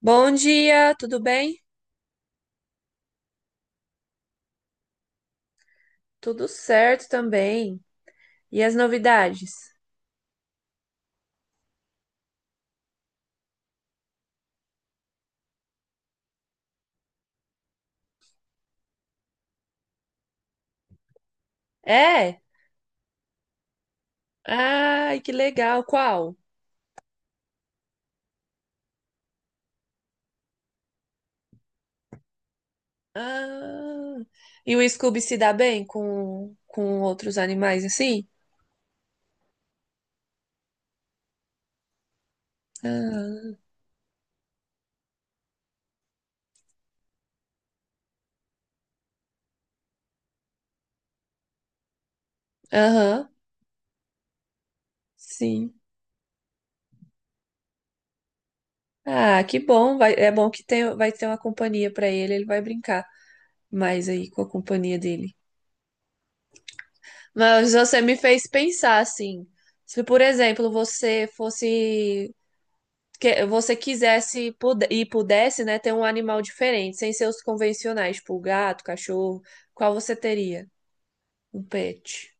Bom dia, tudo bem? Tudo certo também. E as novidades? É? Ai, que legal. Qual? Ah, e o Scooby se dá bem com outros animais assim? Ah, aham, sim. Ah, que bom. É bom que tem, vai ter uma companhia para ele, ele vai brincar mais aí com a companhia dele. Mas você me fez pensar assim. Se, por exemplo, você fosse que você quisesse e pudesse, né, ter um animal diferente, sem ser os convencionais, tipo gato, cachorro, qual você teria? Um pet.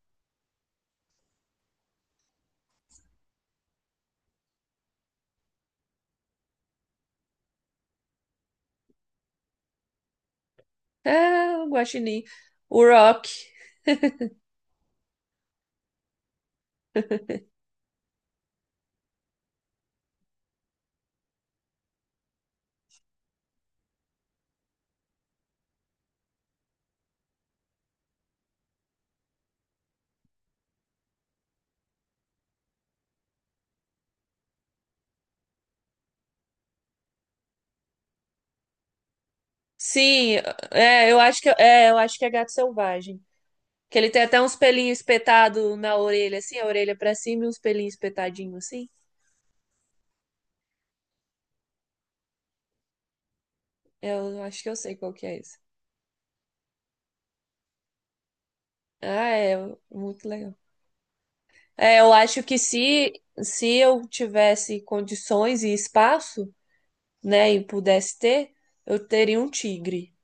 Ah, o guaxinim. O Rock. Sim, é, eu acho que é gato selvagem. Que ele tem até uns pelinhos espetados na orelha, assim, a orelha pra cima e uns pelinhos espetadinhos, assim. Eu acho que eu sei qual que é esse. Ah, é, muito legal. É, eu acho que se eu tivesse condições e espaço, né, e pudesse ter, eu teria um tigre.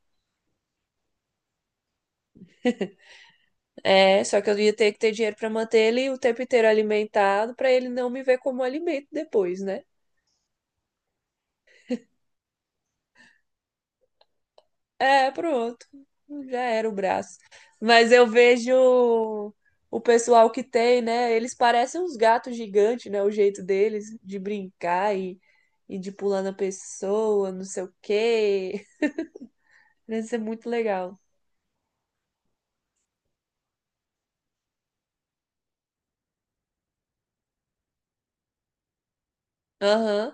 É, só que eu ia ter que ter dinheiro para manter ele o tempo inteiro alimentado, para ele não me ver como alimento depois, né? É, pronto. Já era o braço. Mas eu vejo o pessoal que tem, né? Eles parecem uns gatos gigantes, né? O jeito deles e de pular na pessoa, não sei o quê. Deve ser muito legal. Aham.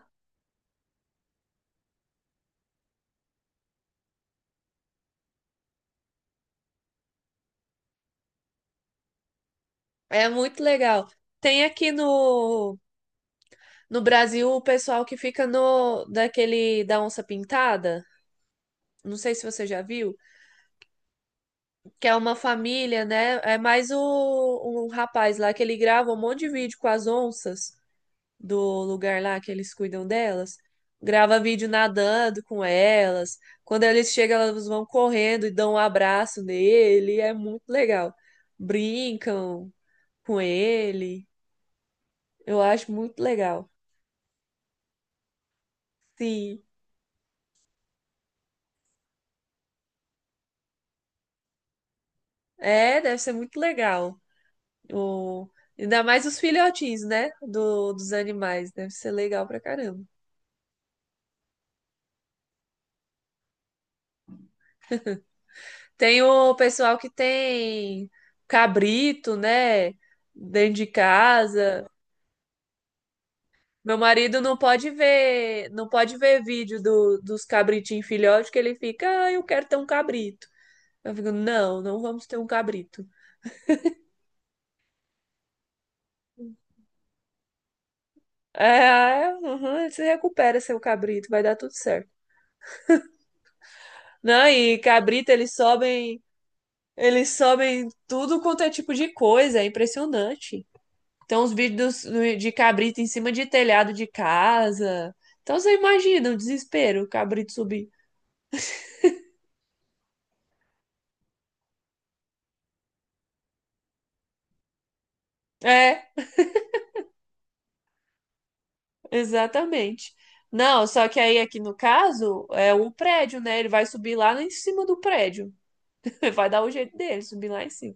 É muito legal. Tem aqui no No Brasil, o pessoal que fica no daquele da onça pintada, não sei se você já viu, que é uma família, né? É mais um rapaz lá que ele grava um monte de vídeo com as onças do lugar lá que eles cuidam delas. Grava vídeo nadando com elas. Quando eles chegam, elas vão correndo e dão um abraço nele. É muito legal. Brincam com ele. Eu acho muito legal. Sim. É, deve ser muito legal. O... Ainda mais os filhotinhos, né? Dos animais. Deve ser legal pra caramba. Tem o pessoal que tem cabrito, né? Dentro de casa. Meu marido não pode ver vídeo dos cabritinhos filhotes, que ele fica, ah, eu quero ter um cabrito. Eu fico, não, não vamos ter um cabrito. É, uhum, você recupera seu cabrito, vai dar tudo certo. Não, e cabrito, eles sobem tudo quanto é tipo de coisa, é impressionante. Então, os vídeos de cabrito em cima de telhado de casa. Então, você imagina o desespero, o cabrito subir. É, exatamente. Não, só que aí aqui no caso é o prédio, né? Ele vai subir lá em cima do prédio. Vai dar o jeito dele subir lá em cima.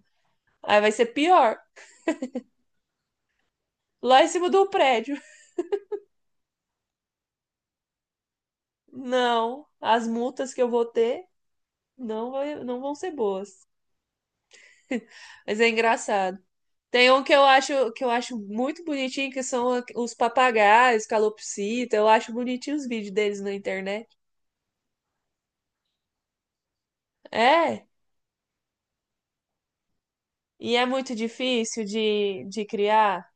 Aí vai ser pior, lá em cima do prédio. Não, as multas que eu vou ter não, não vão ser boas. Mas é engraçado. Tem um que eu acho muito bonitinho, que são os papagaios, calopsita. Eu acho bonitinho os vídeos deles na internet. É, e é muito difícil de criar.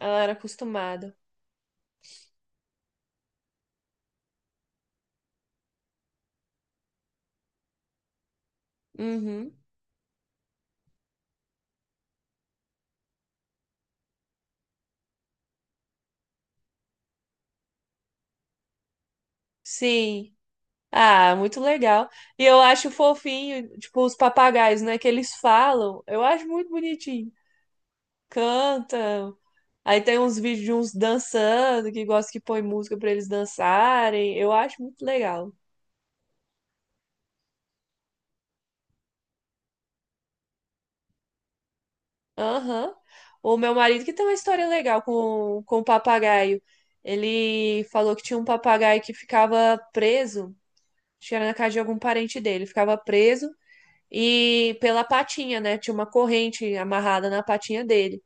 Ela era acostumada. Uhum. Sim. Ah, muito legal. E eu acho fofinho, tipo, os papagaios, né, que eles falam. Eu acho muito bonitinho. Cantam. Aí tem uns vídeos de uns dançando, que gosta que põe música pra eles dançarem. Eu acho muito legal. Aham. O meu marido que tem uma história legal com o papagaio. Ele falou que tinha um papagaio que ficava preso, acho que era na casa de algum parente dele, ficava preso e pela patinha, né? Tinha uma corrente amarrada na patinha dele.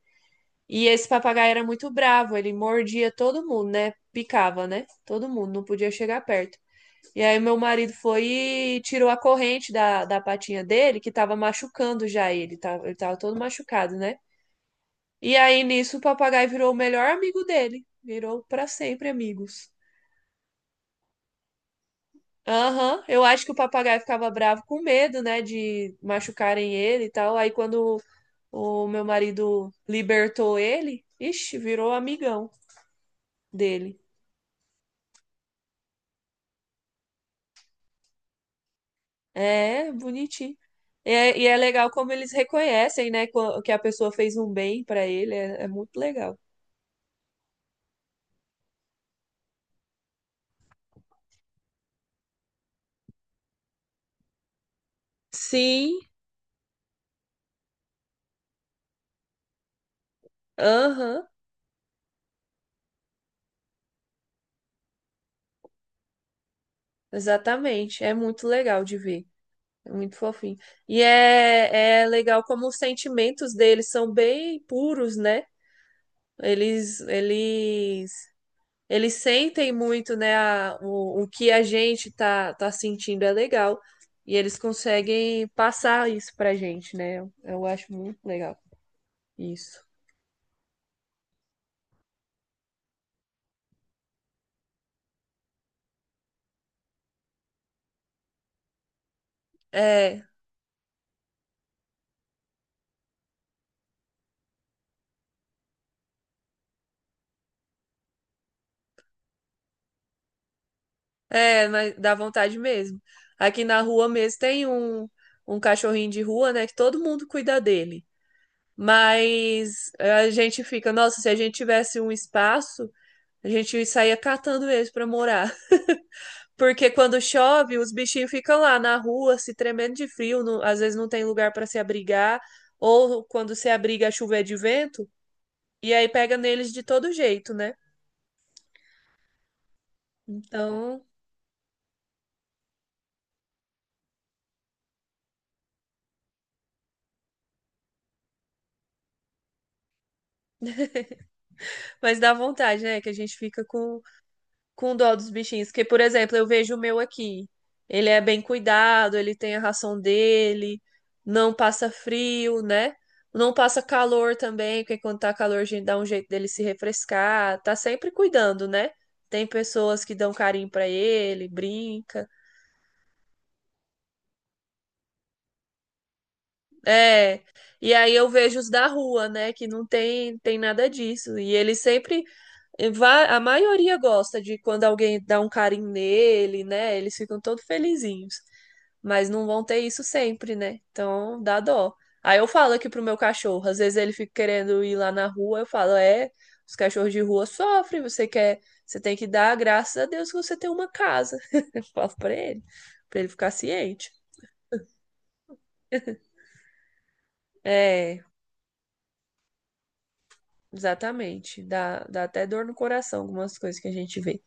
E esse papagaio era muito bravo, ele mordia todo mundo, né? Picava, né? Todo mundo, não podia chegar perto. E aí meu marido foi e tirou a corrente da patinha dele, que tava machucando já ele, ele tava todo machucado, né? E aí nisso o papagaio virou o melhor amigo dele. Virou pra sempre amigos. Aham, eu acho que o papagaio ficava bravo com medo, né, de machucarem ele e tal. Aí quando o meu marido libertou ele, ixi, virou amigão dele. É, bonitinho. É, e é legal como eles reconhecem, né, que a pessoa fez um bem pra ele. É, é muito legal. Sim, aham, exatamente. É muito legal de ver. É muito fofinho. E é legal como os sentimentos deles são bem puros, né? Eles, eles, eles sentem muito, né, o que a gente tá sentindo é legal. E eles conseguem passar isso pra gente, né? Eu acho muito legal isso. É, mas dá vontade mesmo. Aqui na rua mesmo tem um, um cachorrinho de rua, né, que todo mundo cuida dele. Mas a gente fica, nossa, se a gente tivesse um espaço, a gente saía catando eles para morar. Porque quando chove, os bichinhos ficam lá na rua, se tremendo de frio, às vezes não tem lugar para se abrigar, ou quando se abriga, a chuva é de vento, e aí pega neles de todo jeito, né? Então, mas dá vontade, né? Que a gente fica com dó dos bichinhos. Porque, por exemplo, eu vejo o meu aqui. Ele é bem cuidado, ele tem a ração dele, não passa frio, né? Não passa calor também, porque quando tá calor a gente dá um jeito dele se refrescar. Tá sempre cuidando, né? Tem pessoas que dão carinho pra ele, brinca. É. E aí eu vejo os da rua, né, que tem nada disso. E ele sempre a maioria gosta de quando alguém dá um carinho nele, né? Eles ficam todos felizinhos. Mas não vão ter isso sempre, né? Então dá dó. Aí eu falo aqui pro meu cachorro, às vezes ele fica querendo ir lá na rua, eu falo, é, os cachorros de rua sofrem, você quer, você tem que dar graças a Deus que você tem uma casa. Eu falo pra ele ficar ciente. É, exatamente. Dá até dor no coração algumas coisas que a gente vê.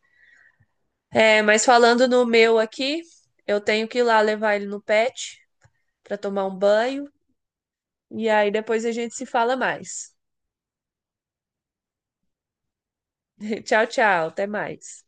É, mas falando no meu aqui, eu tenho que ir lá levar ele no pet para tomar um banho e aí depois a gente se fala mais. Tchau, tchau, até mais.